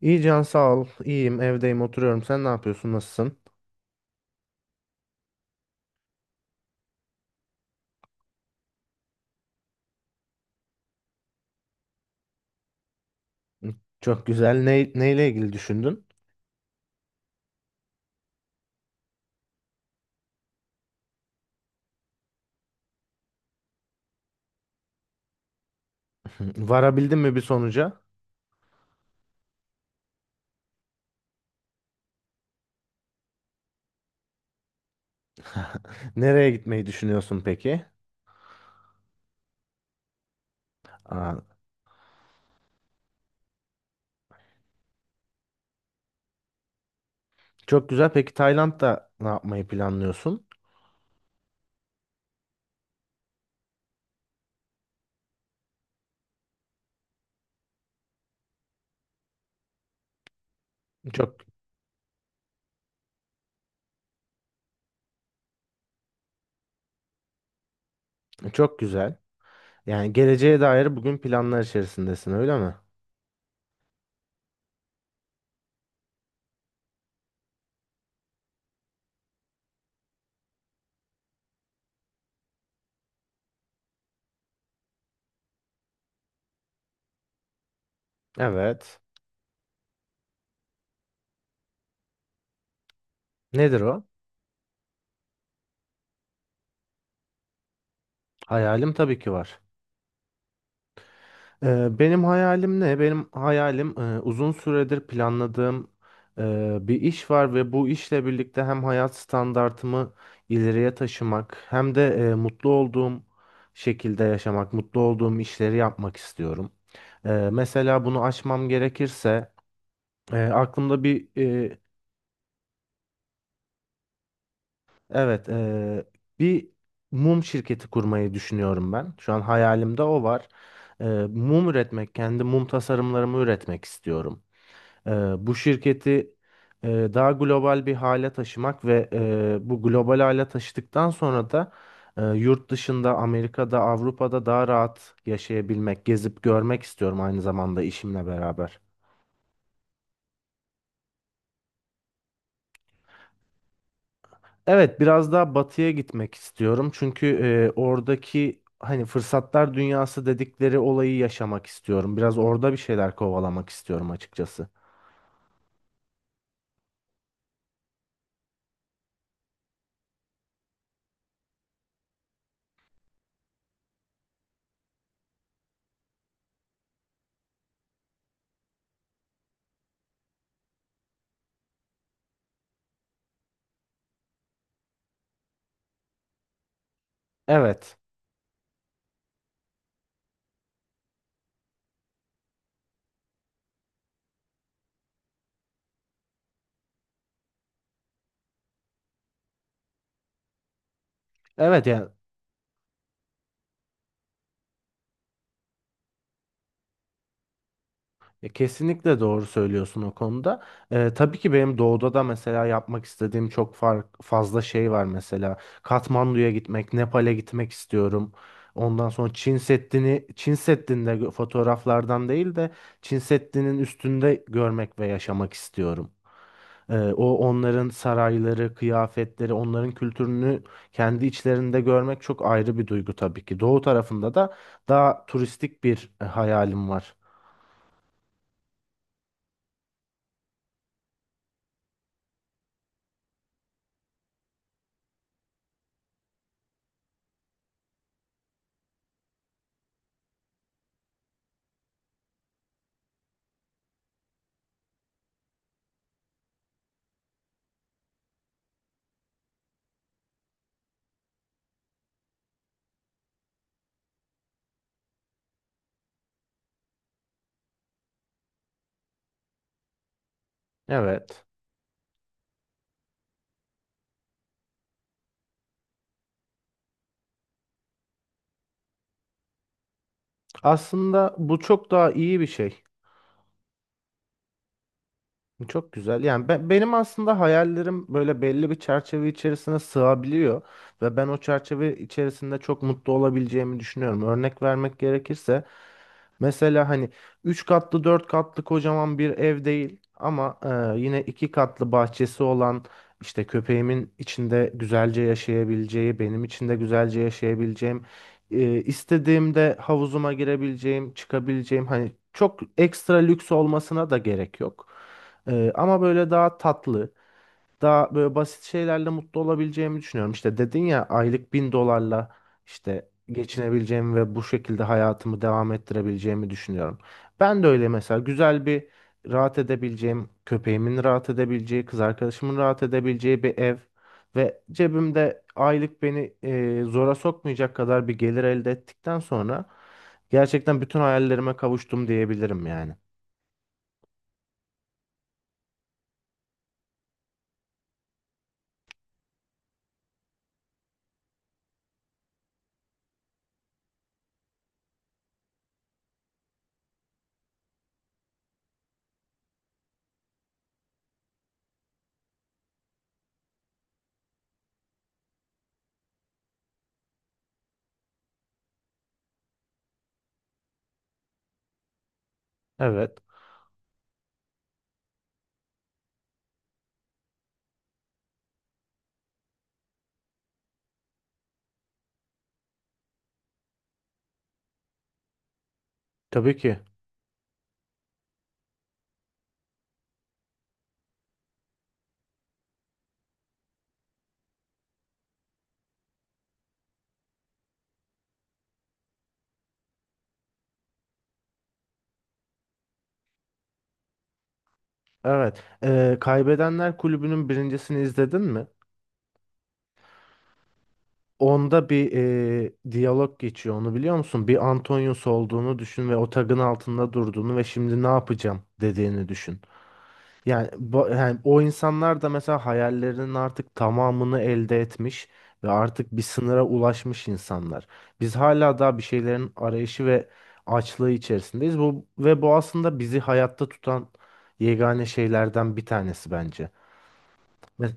İyi Can sağ ol. İyiyim evdeyim oturuyorum. Sen ne yapıyorsun? Nasılsın? Çok güzel. Neyle ilgili düşündün? Varabildin mi bir sonuca? Nereye gitmeyi düşünüyorsun peki? Aa, çok güzel. Peki Tayland'da ne yapmayı planlıyorsun? Çok çok güzel. Yani geleceğe dair bugün planlar içerisindesin öyle mi? Evet. Nedir o? Hayalim tabii ki var. Benim hayalim ne? Benim hayalim uzun süredir planladığım bir iş var ve bu işle birlikte hem hayat standartımı ileriye taşımak hem de mutlu olduğum şekilde yaşamak, mutlu olduğum işleri yapmak istiyorum. Mesela bunu aşmam gerekirse aklımda bir e, evet bir mum şirketi kurmayı düşünüyorum ben. Şu an hayalimde o var. E, Mum üretmek, kendi mum tasarımlarımı üretmek istiyorum. Ee, Bu şirketi e, daha global bir hale taşımak ve bu global hale taşıdıktan sonra da yurt dışında Amerika'da, Avrupa'da daha rahat yaşayabilmek, gezip görmek istiyorum aynı zamanda işimle beraber. Evet, biraz daha batıya gitmek istiyorum çünkü oradaki hani fırsatlar dünyası dedikleri olayı yaşamak istiyorum. Biraz orada bir şeyler kovalamak istiyorum açıkçası. Evet. Evet yani, ya kesinlikle doğru söylüyorsun o konuda. Tabii ki benim doğuda da mesela yapmak istediğim çok fazla şey var mesela. Katmandu'ya gitmek, Nepal'e gitmek istiyorum. Ondan sonra Çin Seddi'ni, Çin Seddi'nde gö- fotoğraflardan değil de Çin Seddi'nin üstünde görmek ve yaşamak istiyorum. O Onların sarayları, kıyafetleri, onların kültürünü kendi içlerinde görmek çok ayrı bir duygu tabii ki. Doğu tarafında da daha turistik bir hayalim var. Evet. Aslında bu çok daha iyi bir şey. Çok güzel. Yani benim aslında hayallerim böyle belli bir çerçeve içerisine sığabiliyor ve ben o çerçeve içerisinde çok mutlu olabileceğimi düşünüyorum. Örnek vermek gerekirse mesela hani 3 katlı 4 katlı kocaman bir ev değil ama yine 2 katlı bahçesi olan işte köpeğimin içinde güzelce yaşayabileceği, benim içinde güzelce yaşayabileceğim, istediğimde havuzuma girebileceğim, çıkabileceğim hani çok ekstra lüks olmasına da gerek yok. Ama böyle daha tatlı, daha böyle basit şeylerle mutlu olabileceğimi düşünüyorum. İşte dedin ya aylık 1.000 dolarla işte geçinebileceğimi ve bu şekilde hayatımı devam ettirebileceğimi düşünüyorum. Ben de öyle mesela güzel bir rahat edebileceğim, köpeğimin rahat edebileceği, kız arkadaşımın rahat edebileceği bir ev ve cebimde aylık beni zora sokmayacak kadar bir gelir elde ettikten sonra gerçekten bütün hayallerime kavuştum diyebilirim yani. Evet, tabii ki. Evet. Kaybedenler Kulübü'nün birincisini izledin mi? Onda bir diyalog geçiyor. Onu biliyor musun? Bir Antonius olduğunu düşün ve o tagın altında durduğunu ve şimdi ne yapacağım dediğini düşün. Yani, yani o insanlar da mesela hayallerinin artık tamamını elde etmiş ve artık bir sınıra ulaşmış insanlar. Biz hala daha bir şeylerin arayışı ve açlığı içerisindeyiz. Bu ve bu aslında bizi hayatta tutan yegane şeylerden bir tanesi bence. Mes-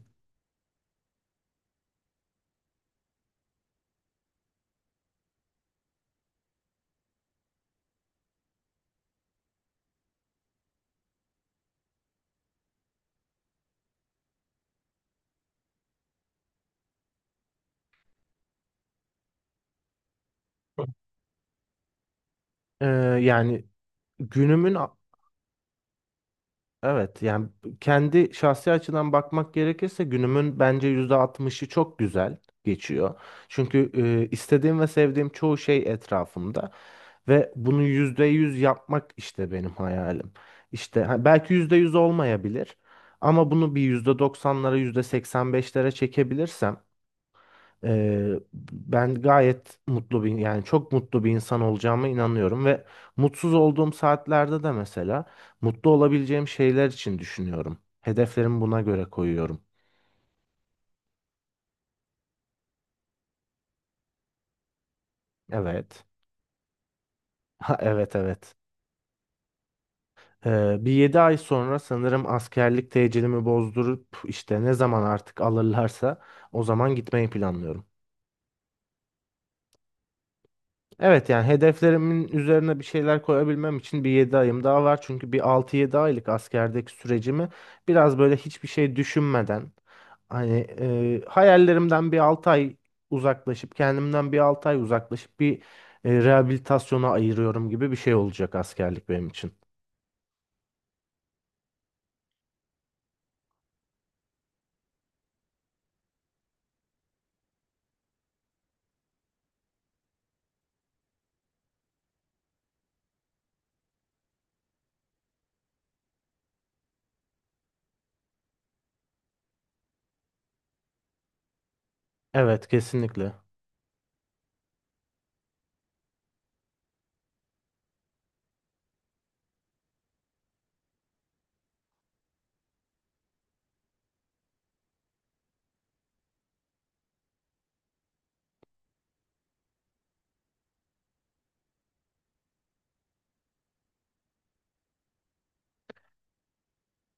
Ee, Yani günümün a- evet, yani kendi şahsi açıdan bakmak gerekirse günümün bence %60'ı çok güzel geçiyor. Çünkü istediğim ve sevdiğim çoğu şey etrafımda ve bunu %100 yapmak işte benim hayalim. İşte ha, belki %100 olmayabilir ama bunu bir %90'lara %85'lere çekebilirsem ben gayet mutlu bir yani çok mutlu bir insan olacağıma inanıyorum ve mutsuz olduğum saatlerde de mesela mutlu olabileceğim şeyler için düşünüyorum. Hedeflerimi buna göre koyuyorum. Evet. Ha, evet, evet. Bir 7 ay sonra sanırım askerlik tecilimi bozdurup işte ne zaman artık alırlarsa o zaman gitmeyi planlıyorum. Evet yani hedeflerimin üzerine bir şeyler koyabilmem için bir 7 ayım daha var. Çünkü bir altı yedi aylık askerdeki sürecimi biraz böyle hiçbir şey düşünmeden hani hayallerimden bir 6 ay uzaklaşıp kendimden bir 6 ay uzaklaşıp bir rehabilitasyona ayırıyorum gibi bir şey olacak askerlik benim için. Evet kesinlikle.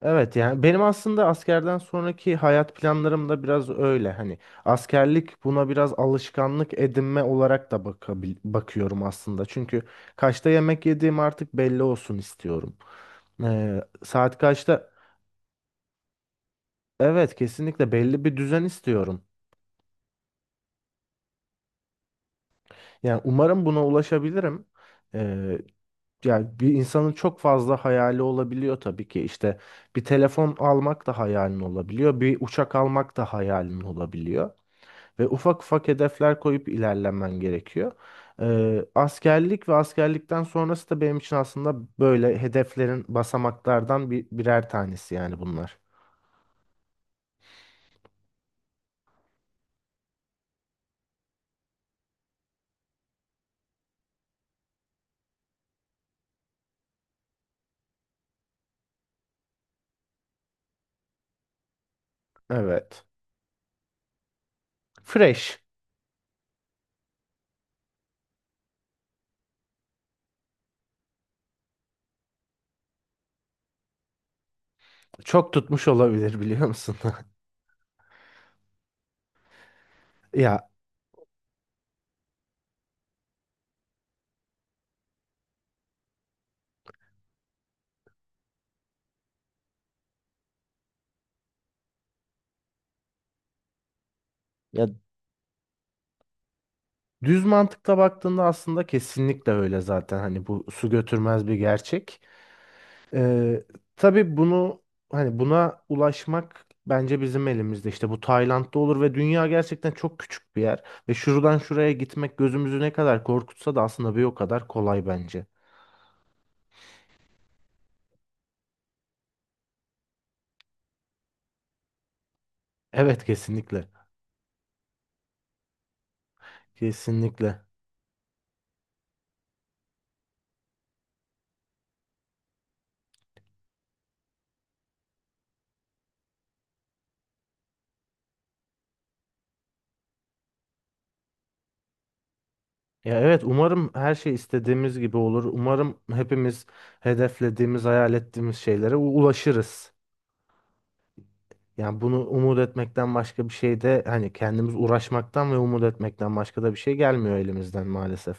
Evet yani benim aslında askerden sonraki hayat planlarım da biraz öyle hani askerlik buna biraz alışkanlık edinme olarak da bakıyorum aslında çünkü kaçta yemek yediğim artık belli olsun istiyorum. Saat kaçta Evet, kesinlikle belli bir düzen istiyorum yani umarım buna ulaşabilirim. Ee, Yani bir insanın çok fazla hayali olabiliyor tabii ki işte bir telefon almak da hayalin olabiliyor bir uçak almak da hayalin olabiliyor. Ve ufak ufak hedefler koyup ilerlemen gerekiyor. Askerlik ve askerlikten sonrası da benim için aslında böyle hedeflerin basamaklardan birer tanesi yani bunlar. Evet. Fresh. Çok tutmuş olabilir biliyor musun? Ya ya düz mantıkla baktığında aslında kesinlikle öyle zaten. Hani bu su götürmez bir gerçek. Ee, tabii bunu hani buna ulaşmak bence bizim elimizde. İşte bu Tayland'da olur ve dünya gerçekten çok küçük bir yer ve şuradan şuraya gitmek gözümüzü ne kadar korkutsa da aslında bir o kadar kolay bence. Evet kesinlikle. Kesinlikle. Ya evet umarım her şey istediğimiz gibi olur. Umarım hepimiz hedeflediğimiz, hayal ettiğimiz şeylere ulaşırız. Yani bunu umut etmekten başka bir şey de hani kendimiz uğraşmaktan ve umut etmekten başka da bir şey gelmiyor elimizden maalesef.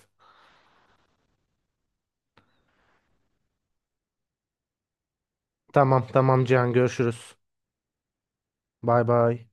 Tamam tamam Cihan görüşürüz. Bay bay.